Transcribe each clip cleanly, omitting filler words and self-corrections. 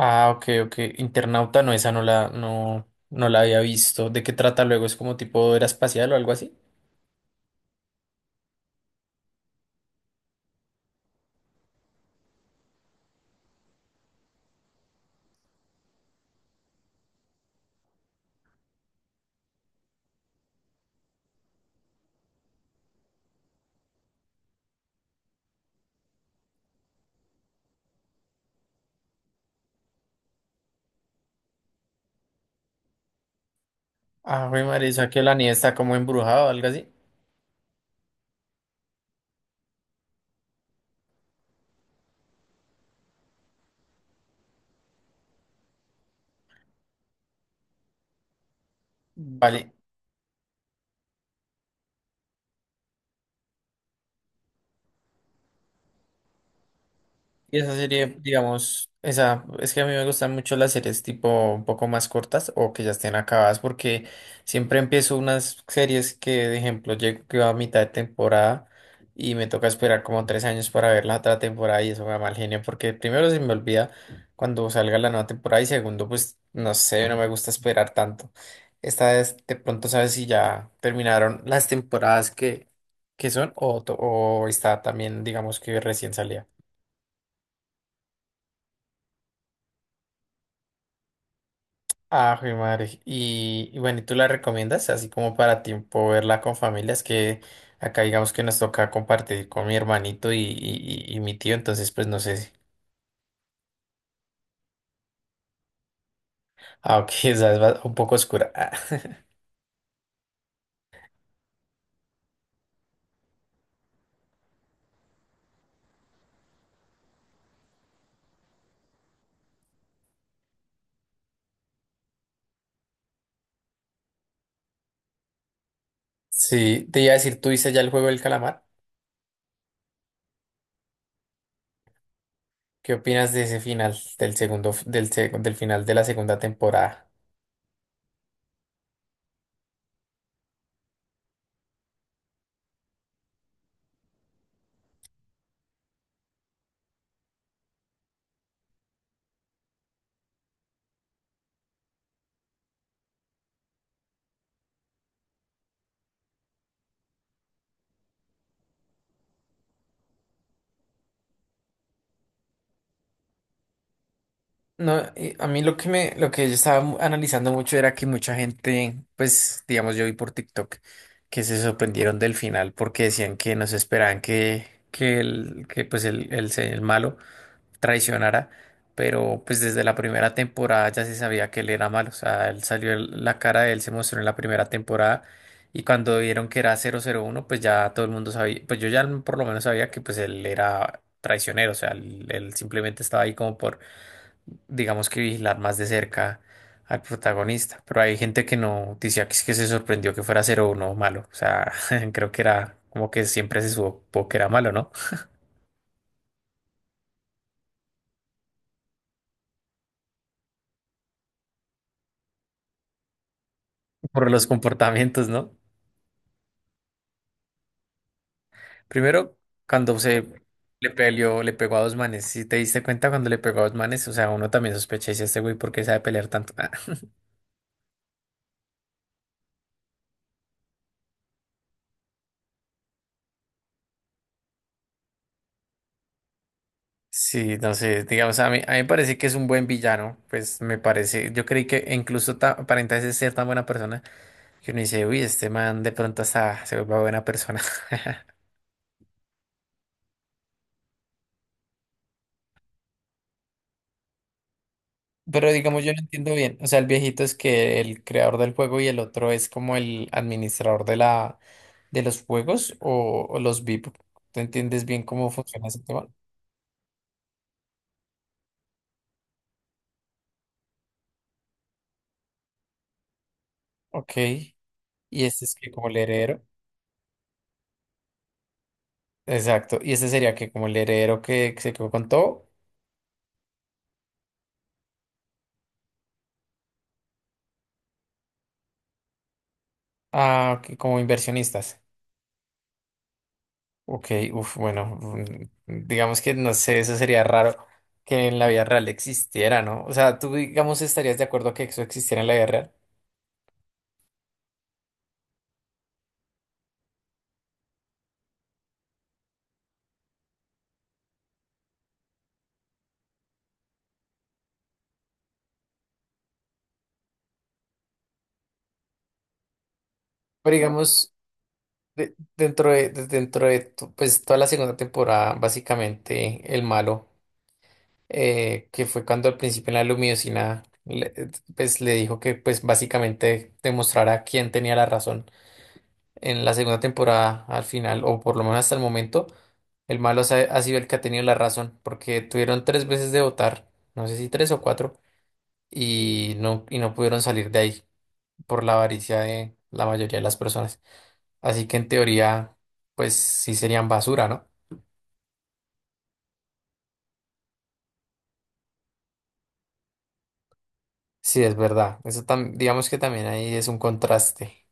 Ah, ok, ok. Internauta, no, esa no la, no, no la había visto. ¿De qué trata luego? ¿Es como tipo era espacial o algo así? Ah, güey, madre, esa que la nieve está como embrujada o algo así. Vale. Y esa serie, digamos, esa, es que a mí me gustan mucho las series tipo un poco más cortas o que ya estén acabadas porque siempre empiezo unas series que, de ejemplo, llego que va a mitad de temporada y me toca esperar como 3 años para ver la otra temporada y eso me da mal genio porque primero se me olvida cuando salga la nueva temporada y segundo, pues no sé, no me gusta esperar tanto. Esta vez de pronto sabes si ya terminaron las temporadas que son o está también, digamos que recién salía. Ah, jue madre. Y bueno, ¿y tú la recomiendas así como para tiempo verla con familias que acá digamos que nos toca compartir con mi hermanito y mi tío, entonces pues no sé. Ah, ok, esa es un poco oscura. Ah, Sí, te iba a decir, ¿tú viste ya el juego del calamar? ¿Qué opinas de ese final del segundo, f- del, seg- del final de la segunda temporada? No, y a mí lo que yo estaba analizando mucho era que mucha gente, pues, digamos, yo vi por TikTok que se sorprendieron del final porque decían que no se esperaban que el, que pues el, se- el malo traicionara, pero pues desde la primera temporada ya se sabía que él era malo, o sea, él salió, la cara de él se mostró en la primera temporada y cuando vieron que era 001 pues ya todo el mundo sabía, pues yo ya por lo menos sabía que pues él era traicionero, o sea, él simplemente estaba ahí como por digamos que vigilar más de cerca al protagonista. Pero hay gente que no decía que es que se sorprendió que fuera 01 malo. O sea, creo que era como que siempre se supo que era malo, ¿no? Por los comportamientos, ¿no? Primero, cuando se le peleó, le pegó a dos manes. Si te diste cuenta cuando le pegó a dos manes, o sea, uno también sospecha, dice este güey, ¿por qué sabe pelear tanto? Ah. Sí, no sé, digamos, a mí me parece que es un buen villano, pues me parece, yo creí que incluso aparenta ser tan buena persona. Que uno dice, uy, este man de pronto hasta se vuelve buena persona. Pero digamos, yo no entiendo bien. O sea, el viejito es que el creador del juego y el otro es como el administrador de de los juegos o los VIP. ¿Tú entiendes bien cómo funciona ese tema? Ok. Y este es que como el heredero. Exacto. Y este sería que como el heredero que se quedó con todo, ah, que como inversionistas. Ok, uf, bueno, digamos que no sé, eso sería raro que en la vida real existiera, ¿no? O sea, tú, digamos, estarías de acuerdo que eso existiera en la vida real. Pero digamos, dentro de pues, toda la segunda temporada, básicamente, el malo, que fue cuando al principio en la luminosina, pues, le dijo que, pues, básicamente demostrara quién tenía la razón en la segunda temporada, al final, o por lo menos hasta el momento. El malo ha sido el que ha tenido la razón, porque tuvieron tres veces de votar, no sé si tres o cuatro, y no pudieron salir de ahí por la avaricia de la mayoría de las personas. Así que en teoría, pues sí serían basura, ¿no? Sí, es verdad. Eso digamos que también ahí es un contraste.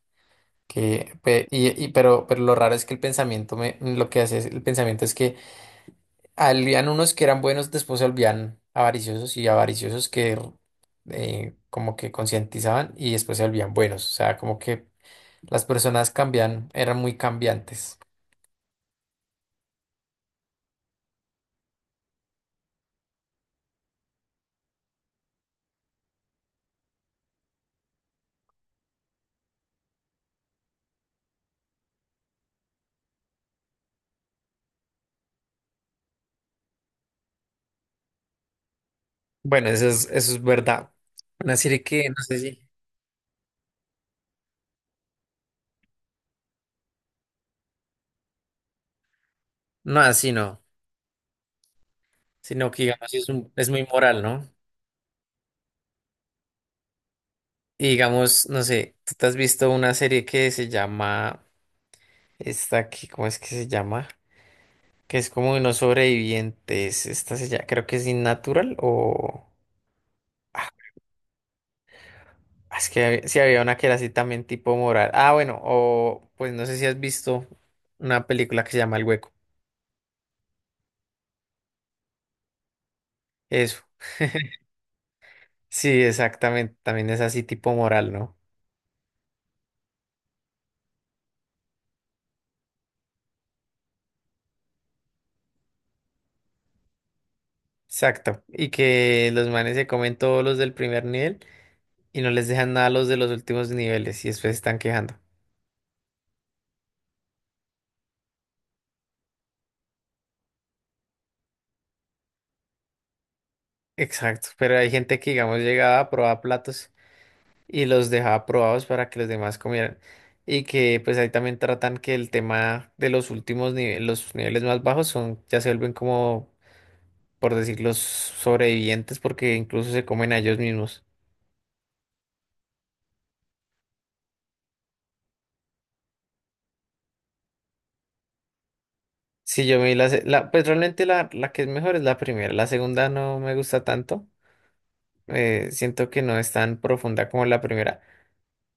Que, pe- y- pero lo raro es que el pensamiento, me, lo que hace es- el pensamiento es que habían unos que eran buenos, después se volvían avariciosos y avariciosos que como que concientizaban y después se volvían buenos. O sea, como que las personas cambian, eran muy cambiantes. Bueno, eso es verdad. Una serie que no sé si, no así no, sino que digamos es muy moral, ¿no? Y digamos, no sé, tú te has visto una serie que se llama, esta aquí, ¿cómo es que se llama? Que es como unos sobrevivientes, esta se llama, creo que es Innatural. Ah, es que si había una que era así también tipo moral. Ah, bueno, o pues no sé si has visto una película que se llama El Hueco. Eso. Sí, exactamente. También es así tipo moral, ¿no? Exacto. Y que los manes se comen todos los del primer nivel y no les dejan nada a los de los últimos niveles y después se están quejando. Exacto. Pero hay gente que, digamos, llegaba a probar platos y los dejaba probados para que los demás comieran. Y que pues ahí también tratan que el tema de los últimos niveles, los niveles más bajos son, ya se vuelven como, por decir, los sobrevivientes porque incluso se comen a ellos mismos. Si yo me vi pues realmente la que es mejor es la primera, la segunda no me gusta tanto, siento que no es tan profunda como la primera,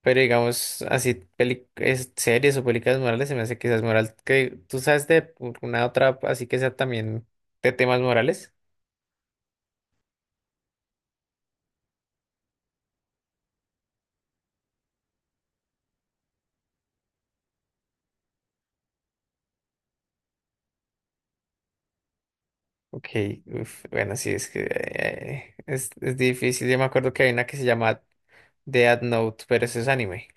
pero digamos así, series o películas morales se me hace quizás moral, que tú sabes de una otra así que sea también de temas morales. Ok, uf, bueno, sí, es que es difícil. Yo me acuerdo que hay una que se llama Death Note, pero eso es anime.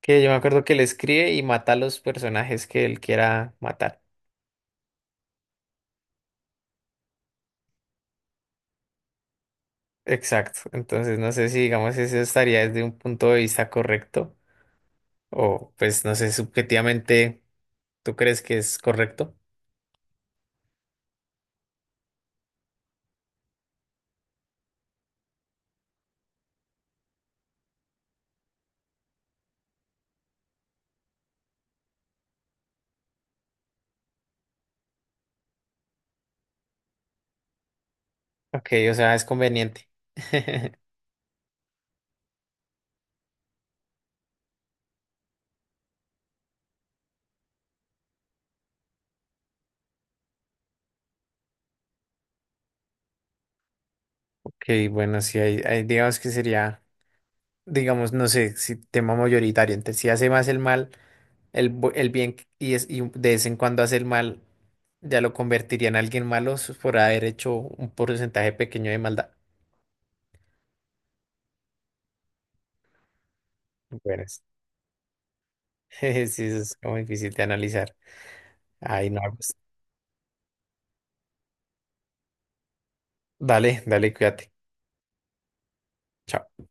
Que yo me acuerdo que él escribe y mata a los personajes que él quiera matar. Exacto. Entonces, no sé si, digamos, eso estaría desde un punto de vista correcto o, pues, no sé, subjetivamente, ¿tú crees que es correcto? Ok, o sea, es conveniente. Ok, bueno, sí, digamos que sería, digamos, no sé, si tema mayoritario, entonces si hace más el mal, el bien y de vez en cuando hace el mal, ya lo convertiría en alguien malo por haber hecho un porcentaje pequeño de maldad. Bueno, sí, eso es como difícil de analizar. Ay, no, pues, dale, dale, cuídate. Chao.